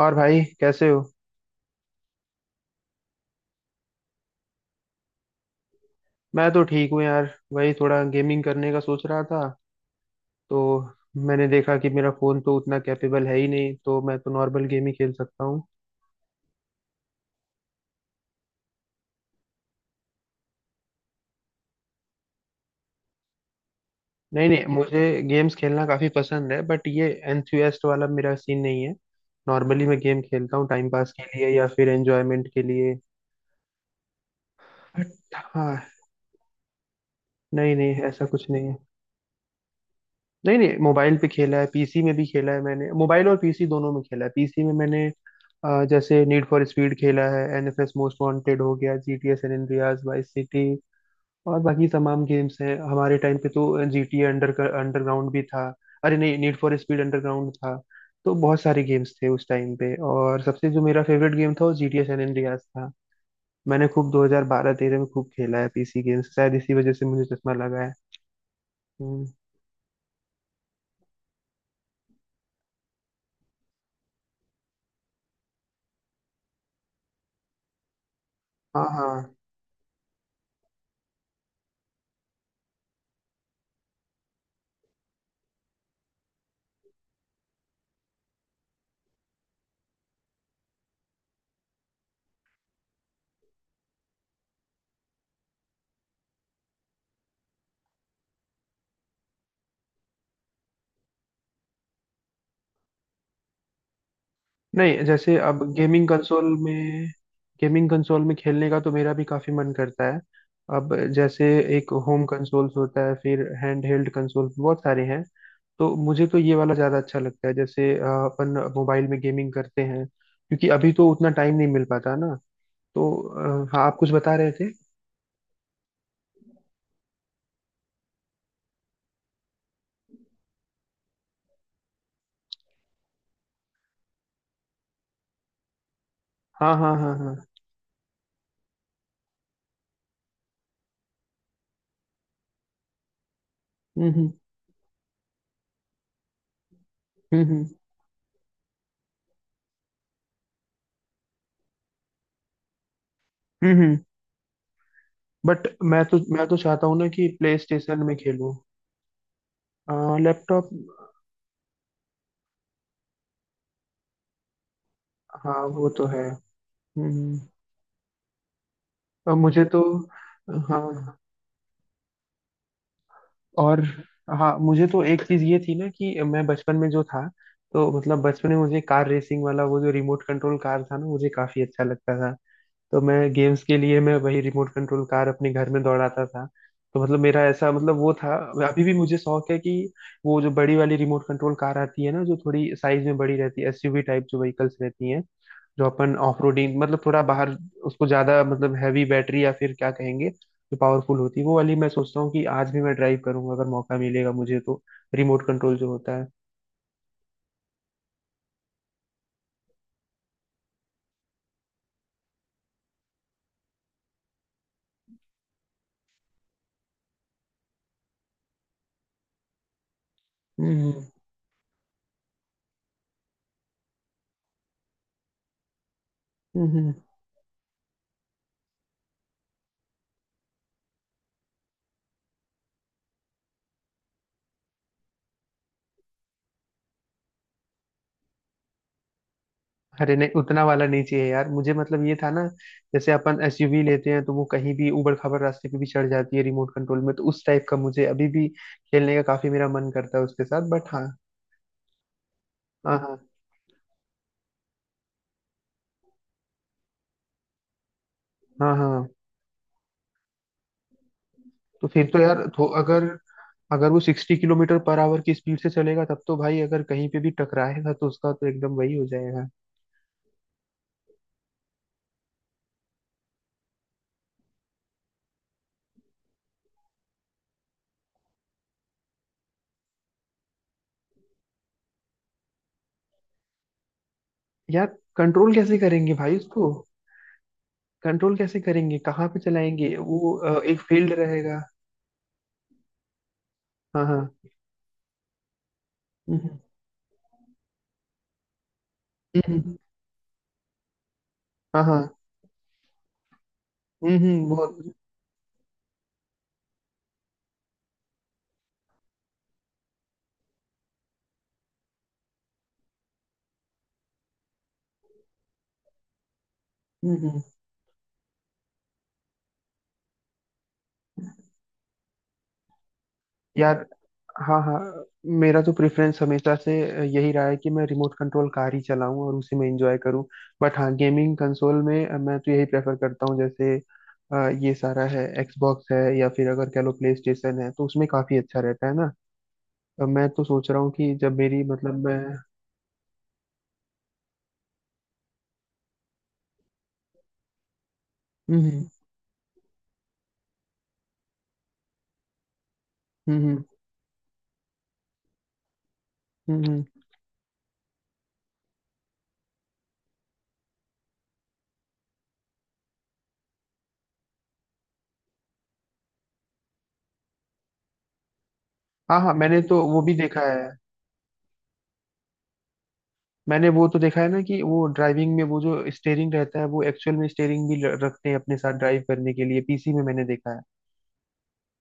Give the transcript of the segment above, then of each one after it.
और भाई कैसे हो? मैं तो ठीक हूँ यार। वही थोड़ा गेमिंग करने का सोच रहा था तो मैंने देखा कि मेरा फोन तो उतना कैपेबल है ही नहीं, तो मैं तो नॉर्मल गेम ही खेल सकता हूँ। नहीं नहीं, मुझे गेम्स खेलना काफी पसंद है, बट ये एंथुसियास्ट वाला मेरा सीन नहीं है। नॉर्मली मैं गेम खेलता हूँ टाइम पास के लिए या फिर एंजॉयमेंट के लिए। बट हाँ। नहीं नहीं, ऐसा कुछ नहीं है। नहीं नहीं, मोबाइल पे खेला है, पीसी में भी खेला है। मैंने मोबाइल और पीसी दोनों में खेला है। पीसी में मैंने जैसे नीड फॉर स्पीड खेला है, एनएफएस मोस्ट वांटेड हो गया, GTA San Andreas, Vice City और बाकी तमाम गेम्स हैं हमारे टाइम पे तो। जीटीए अंडरग्राउंड भी था। अरे नहीं, नीड फॉर स्पीड अंडरग्राउंड था। तो बहुत सारे गेम्स थे उस टाइम पे, और सबसे जो मेरा फेवरेट गेम था वो जीटीए सैन एंड्रियास था। मैंने खूब 2012-13 में खूब खेला है पीसी गेम्स। शायद इसी वजह से मुझे चश्मा लगा है। हम्म। हाँ हाँ। नहीं, जैसे अब गेमिंग कंसोल में, गेमिंग कंसोल में खेलने का तो मेरा भी काफी मन करता है। अब जैसे एक होम कंसोल्स होता है, फिर हैंड हेल्ड कंसोल बहुत सारे हैं। तो मुझे तो ये वाला ज्यादा अच्छा लगता है। जैसे अपन मोबाइल में गेमिंग करते हैं क्योंकि अभी तो उतना टाइम नहीं मिल पाता ना। तो हाँ, आप कुछ बता रहे थे? हाँ हाँ हाँ हाँ। हम्म। हम्म हम्म। हम्म। बट मैं तो चाहता हूँ ना कि प्ले स्टेशन में खेलूँ। लैपटॉप। हाँ, वो तो है। हम्म हम्म। अब मुझे तो। हाँ। और। हाँ, मुझे तो एक चीज ये थी ना कि मैं बचपन में जो था, तो मतलब बचपन में मुझे कार रेसिंग वाला वो जो रिमोट कंट्रोल कार था ना, मुझे काफी अच्छा लगता था। तो मैं गेम्स के लिए मैं वही रिमोट कंट्रोल कार अपने घर में दौड़ाता था। तो मतलब मेरा ऐसा मतलब वो था। अभी भी मुझे शौक है कि वो जो बड़ी वाली रिमोट कंट्रोल कार आती है ना, जो थोड़ी साइज में बड़ी रहती है, एसयूवी टाइप जो व्हीकल्स रहती हैं, जो अपन ऑफ रोडिंग मतलब थोड़ा बाहर, उसको ज्यादा मतलब हैवी बैटरी या फिर क्या कहेंगे, जो पावरफुल होती है, वो वाली मैं सोचता हूँ कि आज भी मैं ड्राइव करूंगा अगर मौका मिलेगा मुझे तो। रिमोट कंट्रोल जो होता है। हम्म हम्म। अरे नहीं, उतना वाला नहीं चाहिए यार मुझे। मतलब ये था ना, जैसे अपन एसयूवी लेते हैं तो वो कहीं भी ऊबड़ खाबड़ रास्ते पे भी चढ़ जाती है, रिमोट कंट्रोल में तो उस टाइप का मुझे अभी भी खेलने का काफी मेरा मन करता है उसके साथ। बट हाँ। हाँ हाँ हाँ हाँ। हाँ तो फिर तो यार, तो अगर, अगर वो 60 किलोमीटर पर आवर की स्पीड से चलेगा, तब तो भाई अगर कहीं पे भी टकराएगा तो उसका तो एकदम वही हो जाएगा। यार कंट्रोल कैसे करेंगे भाई उसको? कंट्रोल कैसे करेंगे, कहाँ पे चलाएंगे? वो एक फील्ड रहेगा। हाँ हाँ। हम्म। हम्म। हम्म। हम्म। हाँ हाँ। बहुत। हम्म हम्म। यार। हाँ हाँ। मेरा तो प्रेफरेंस हमेशा से यही रहा है कि मैं रिमोट कंट्रोल कार ही चलाऊं और उसी में एंजॉय करूं। बट हाँ, गेमिंग कंसोल में मैं तो यही प्रेफर करता हूँ। जैसे अ, ये सारा है, एक्सबॉक्स है या फिर अगर कह लो प्ले स्टेशन है, तो उसमें काफी अच्छा रहता है ना। मैं तो सोच रहा हूँ कि जब मेरी मतलब मैं। हम्म। हम्म। हम्म, हम्म। हाँ हाँ, मैंने तो वो भी देखा है। मैंने वो तो देखा है ना कि वो ड्राइविंग में, वो जो स्टेयरिंग रहता है, वो एक्चुअल में स्टेयरिंग भी रखते हैं अपने साथ ड्राइव करने के लिए, पीसी में मैंने देखा है।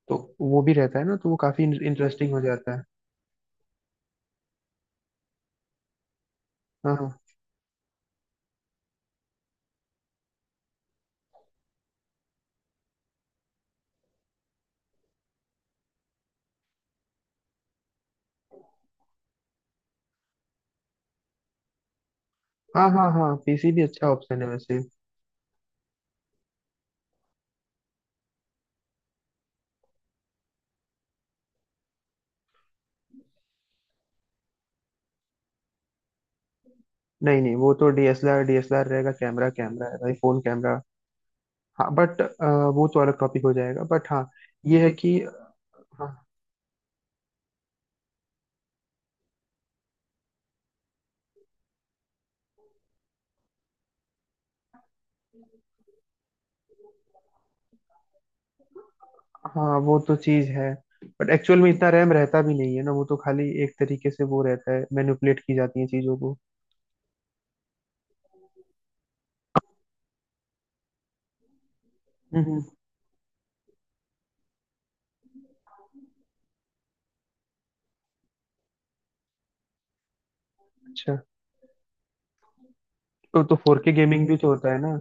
तो वो भी रहता है ना, तो वो काफी इंटरेस्टिंग हो जाता है। हाँ हाँ हाँ हाँ हाँ, पीसी भी अच्छा ऑप्शन है वैसे। नहीं नहीं, वो तो डीएसएलआर डीएसएलआर रहेगा, कैमरा कैमरा है भाई, फोन कैमरा। हाँ, बट वो तो अलग टॉपिक हो जाएगा, बट हाँ ये है कि। हाँ। हाँ, वो तो चीज है, बट एक्चुअल में इतना रैम रहता भी नहीं है ना, वो तो खाली एक तरीके से वो रहता है, मैनिपुलेट की जाती है चीजों को। हम्म हम्म, अच्छा। तो फोर के गेमिंग भी तो होता है ना।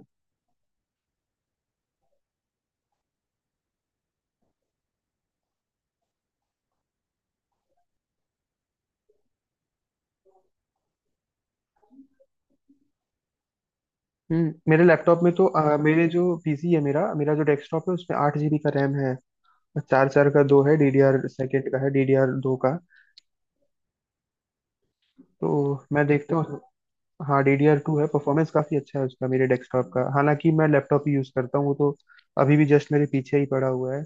मेरे लैपटॉप में तो मेरे जो पीसी है, मेरा मेरा जो डेस्कटॉप है, उसमें 8 जीबी का रैम है। चार चार का दो है, डीडीआर सेकेंड का है, डीडीआर दो का। तो मैं देखता हूँ। हाँ, डीडीआर टू है। परफॉर्मेंस काफी अच्छा है उसका, मेरे डेस्कटॉप का, हालांकि मैं लैपटॉप ही यूज करता हूँ। वो तो अभी भी जस्ट मेरे पीछे ही पड़ा हुआ है।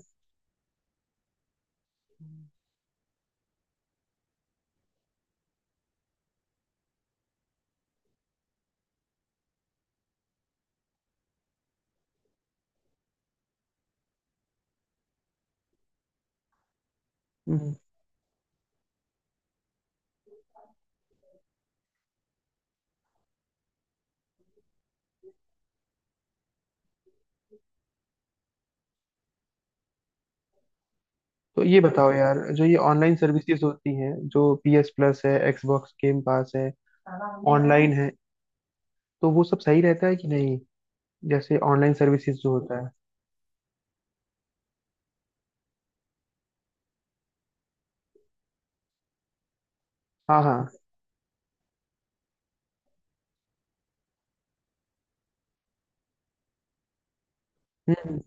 हम्म, तो ये बताओ यार, जो ये ऑनलाइन सर्विसेज होती हैं, जो PS प्लस है, Xbox गेम पास है, ऑनलाइन है, तो वो सब सही रहता है कि नहीं? जैसे ऑनलाइन सर्विसेज जो होता है। हाँ हाँ। हम्म।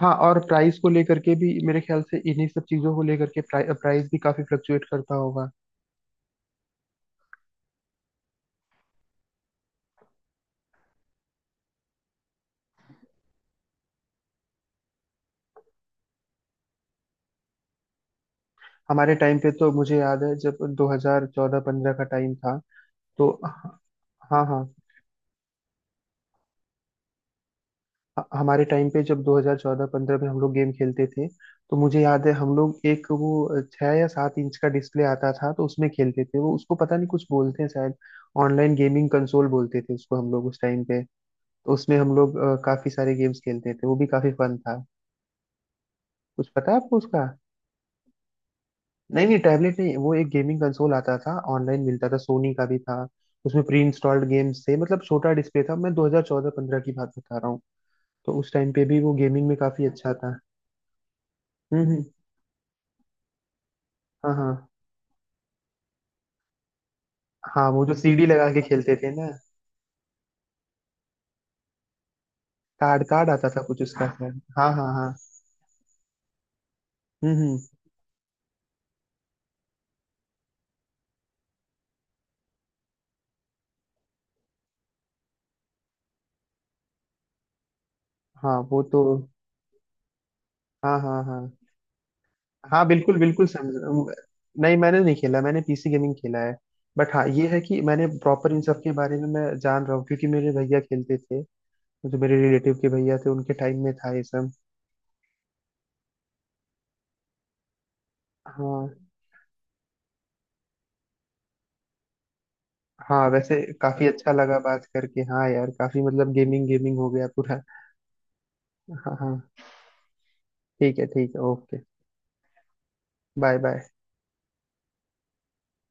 हाँ, और प्राइस को लेकर के भी मेरे ख्याल से, इन्हीं सब चीजों को लेकर के प्राइस भी काफी फ्लक्चुएट करता होगा। हमारे टाइम पे तो मुझे याद है जब 2014-15 का टाइम था तो। हाँ हाँ। हमारे टाइम पे जब 2014-15 में हम लोग गेम खेलते थे, तो मुझे याद है हम लोग एक वो 6 या 7 इंच का डिस्प्ले आता था, तो उसमें खेलते थे। वो उसको पता नहीं कुछ बोलते हैं शायद, ऑनलाइन गेमिंग कंसोल बोलते थे उसको हम लोग उस टाइम पे। तो उसमें हम लोग काफी सारे गेम्स खेलते थे, वो भी काफी फन था। कुछ पता है आपको उसका? नहीं नहीं, टैबलेट नहीं, वो एक गेमिंग कंसोल आता था, ऑनलाइन मिलता था, सोनी का भी था। उसमें प्री इंस्टॉल्ड गेम्स थे, मतलब छोटा डिस्प्ले था। मैं 2014-15 की बात बता रहा हूँ। तो उस टाइम पे भी वो गेमिंग में काफी अच्छा था। हम्म। हाँ हाँ। हाँ, वो जो सीडी लगा के खेलते थे ना। कार्ड कार्ड आता था कुछ उसका शायद। हाँ हाँ हाँ। हम्म। हाँ वो तो। हाँ हाँ हाँ। हाँ बिल्कुल बिल्कुल, समझ। नहीं, मैंने नहीं खेला। मैंने पीसी गेमिंग खेला है। बट हाँ, ये है कि मैंने प्रॉपर इन सब के बारे में मैं जान रहा हूँ क्योंकि मेरे भैया खेलते थे, जो मेरे रिलेटिव के भैया थे, उनके टाइम में था ये सब। हाँ। हाँ, वैसे काफी अच्छा लगा बात करके। हाँ यार, काफी मतलब गेमिंग गेमिंग हो गया पूरा। हाँ हाँ। ठीक है, ठीक है, ओके। Bye bye.